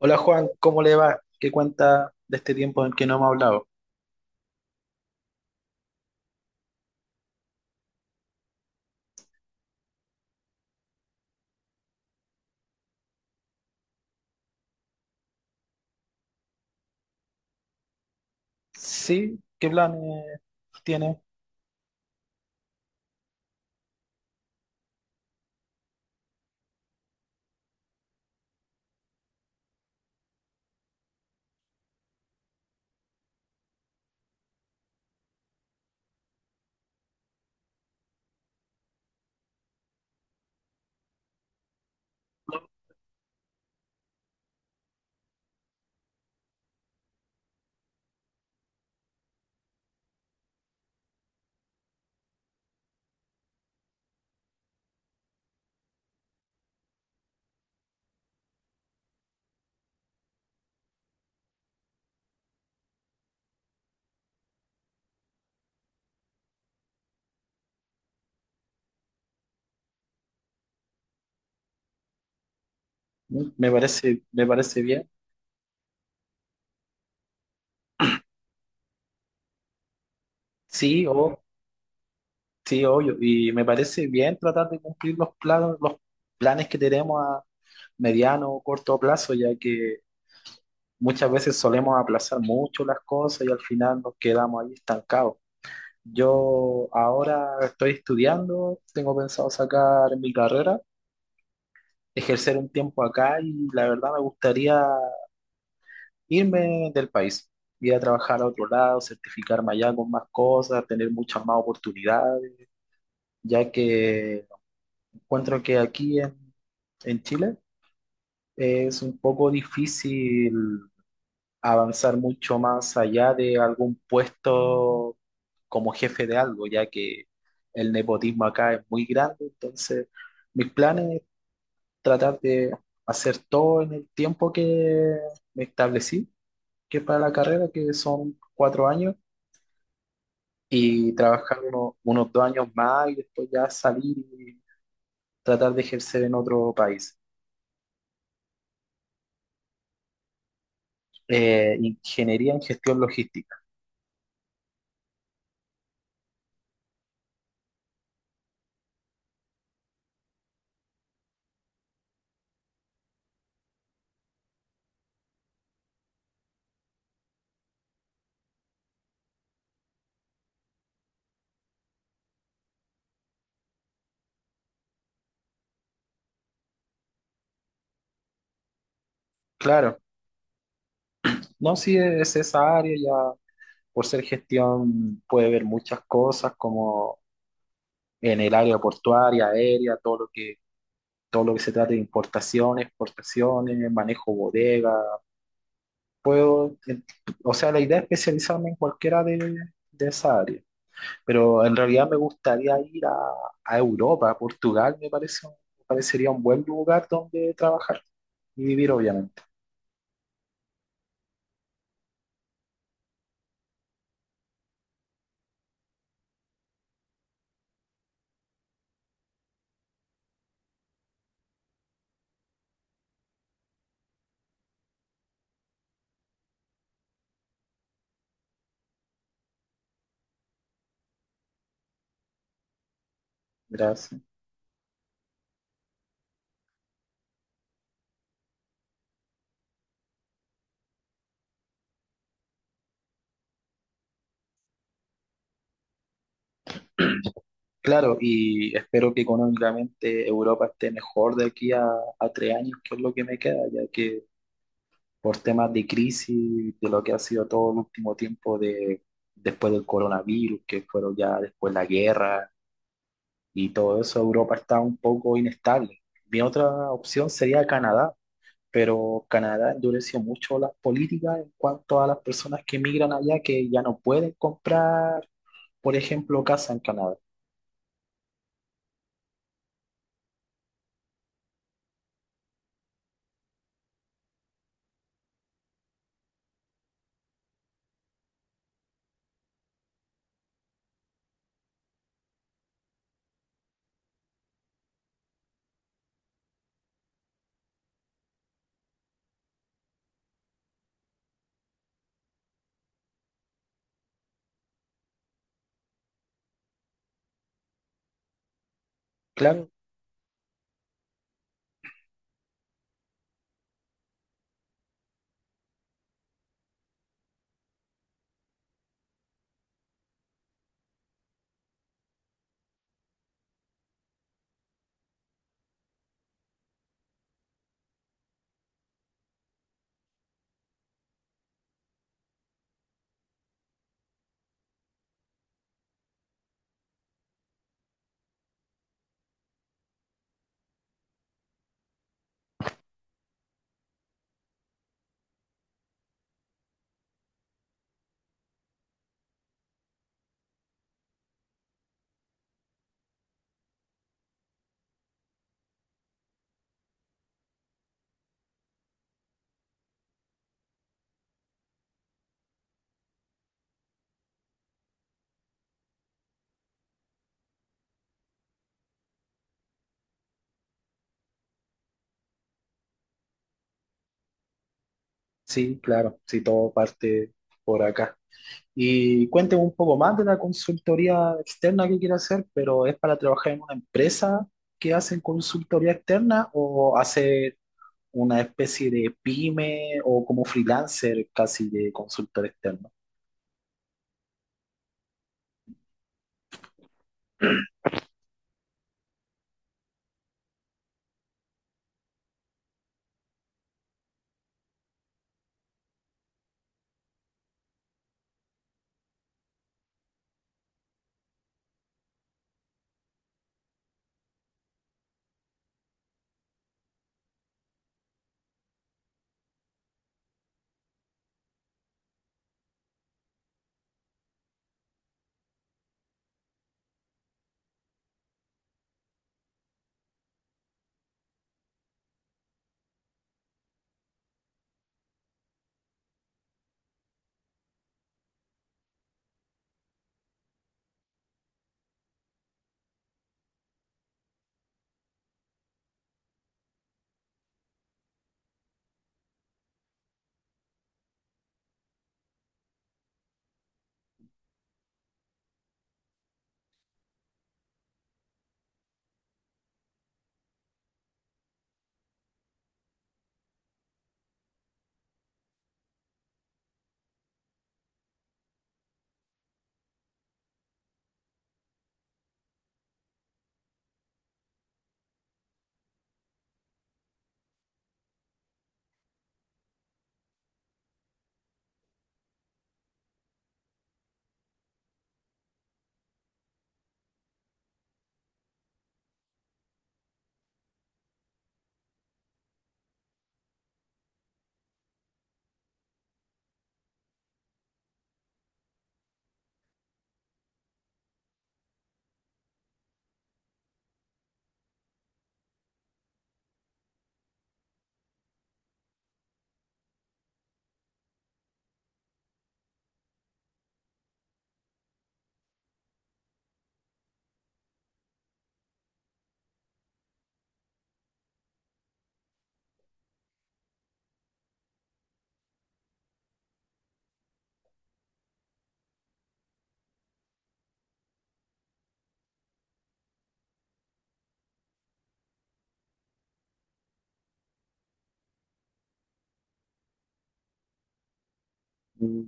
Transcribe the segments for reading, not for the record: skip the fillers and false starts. Hola Juan, ¿cómo le va? ¿Qué cuenta de este tiempo en que no hemos hablado? Sí, ¿qué planes tiene? Mm, me parece, me parece bien. Sí, o sí, obvio. Y me parece bien tratar de cumplir los planos, los planes que tenemos a mediano o corto plazo, ya que muchas veces solemos aplazar mucho las cosas y al final nos quedamos ahí estancados. Yo ahora estoy estudiando, tengo pensado sacar mi carrera, ejercer un tiempo acá y la verdad me gustaría irme del país, ir a trabajar a otro lado, certificarme allá con más cosas, tener muchas más oportunidades, ya que encuentro que aquí en Chile es un poco difícil avanzar mucho más allá de algún puesto como jefe de algo, ya que el nepotismo acá es muy grande, entonces mis planes es tratar de hacer todo en el tiempo que me establecí, que es para la carrera, que son 4 años, y trabajar unos 2 años más y después ya salir y tratar de ejercer en otro país. Ingeniería en gestión logística. Claro, no, si es esa área, ya por ser gestión puede ver muchas cosas como en el área portuaria, aérea, todo lo que se trate de importaciones, exportaciones, manejo bodega. Puedo, o sea, la idea es especializarme en de esa área. Pero en realidad me gustaría a Europa, a Portugal, me parece, me parecería un buen lugar donde trabajar y vivir, obviamente. Gracias. Claro, y espero que económicamente Europa esté mejor a 3 años, que es lo que me queda, ya que por temas de crisis, de lo que ha sido todo el último tiempo de, después del coronavirus, que fueron ya después la guerra y todo eso, Europa está un poco inestable. Mi otra opción sería Canadá, pero Canadá endureció mucho las políticas en cuanto a las personas que emigran allá que ya no pueden comprar, por ejemplo, casa en Canadá. Claro, sí, claro, sí, todo parte por acá. Y cuénteme un poco más de la consultoría externa que quiere hacer, pero ¿es para trabajar en una empresa que hacen consultoría externa o hacer una especie de pyme o como freelancer casi de consultor externo?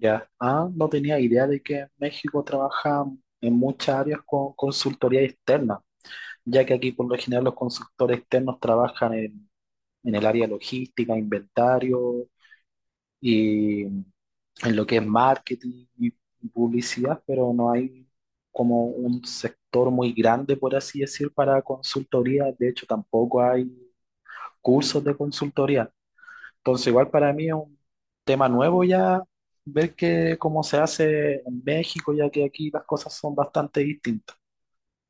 Ya. Ah, no tenía idea de que en México trabaja en muchas áreas con consultoría externa, ya que aquí por lo general los consultores externos en el área logística, inventario y en lo que es marketing y publicidad, pero no hay como un sector muy grande, por así decir, para consultoría. De hecho, tampoco hay cursos de consultoría. Entonces, igual para mí es un tema nuevo ya ver que cómo se hace en México, ya que aquí las cosas son bastante distintas.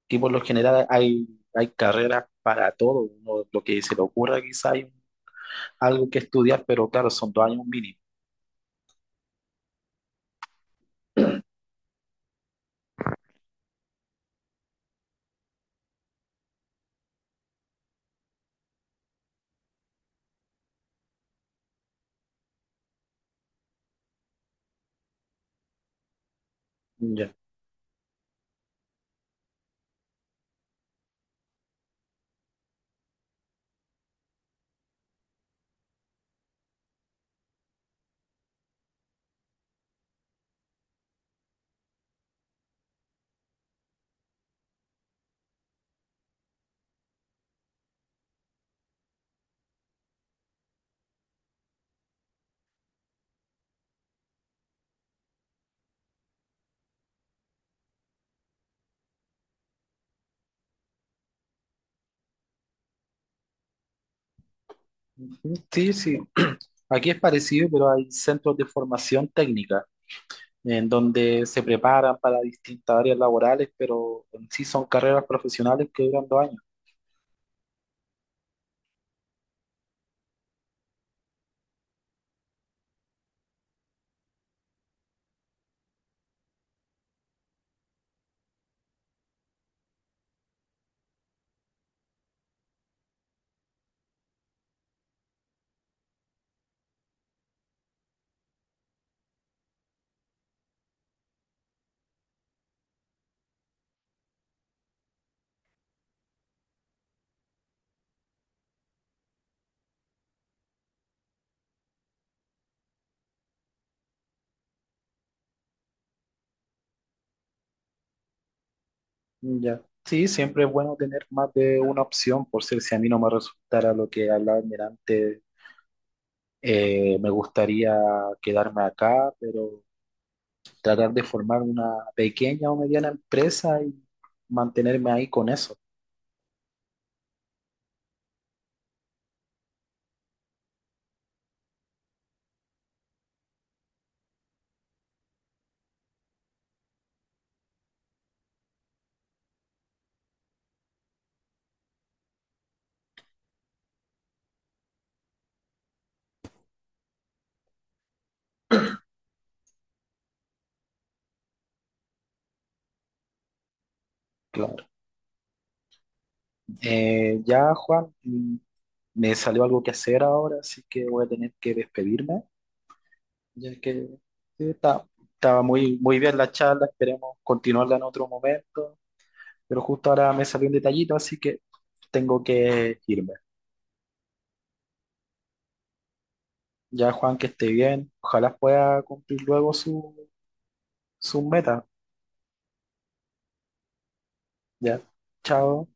Aquí por lo general hay carreras para todo, uno, lo que se le ocurra quizá hay algo que estudiar, pero claro, son 2 años mínimo. Ya. Ujú. Sí, sí. Aquí es parecido, pero hay centros de formación técnica en donde se preparan para distintas áreas laborales, pero en sí son carreras profesionales que duran 2 años. Ya. Sí, siempre es bueno tener más de una opción, por ser si a mí no me resultara lo que hablaba antes, me gustaría quedarme acá, pero tratar de formar una pequeña o mediana empresa y mantenerme ahí con eso. Claro. Ya, Juan, mm, me salió algo que hacer ahora, así que voy a tener que despedirme, ya que sí, estaba muy bien la charla, esperemos continuarla en otro momento. Pero justo ahora me salió un detallito, así que tengo que irme. Ya, Juan, que esté bien. Ojalá pueda cumplir luego su, su meta. Ya. Chao.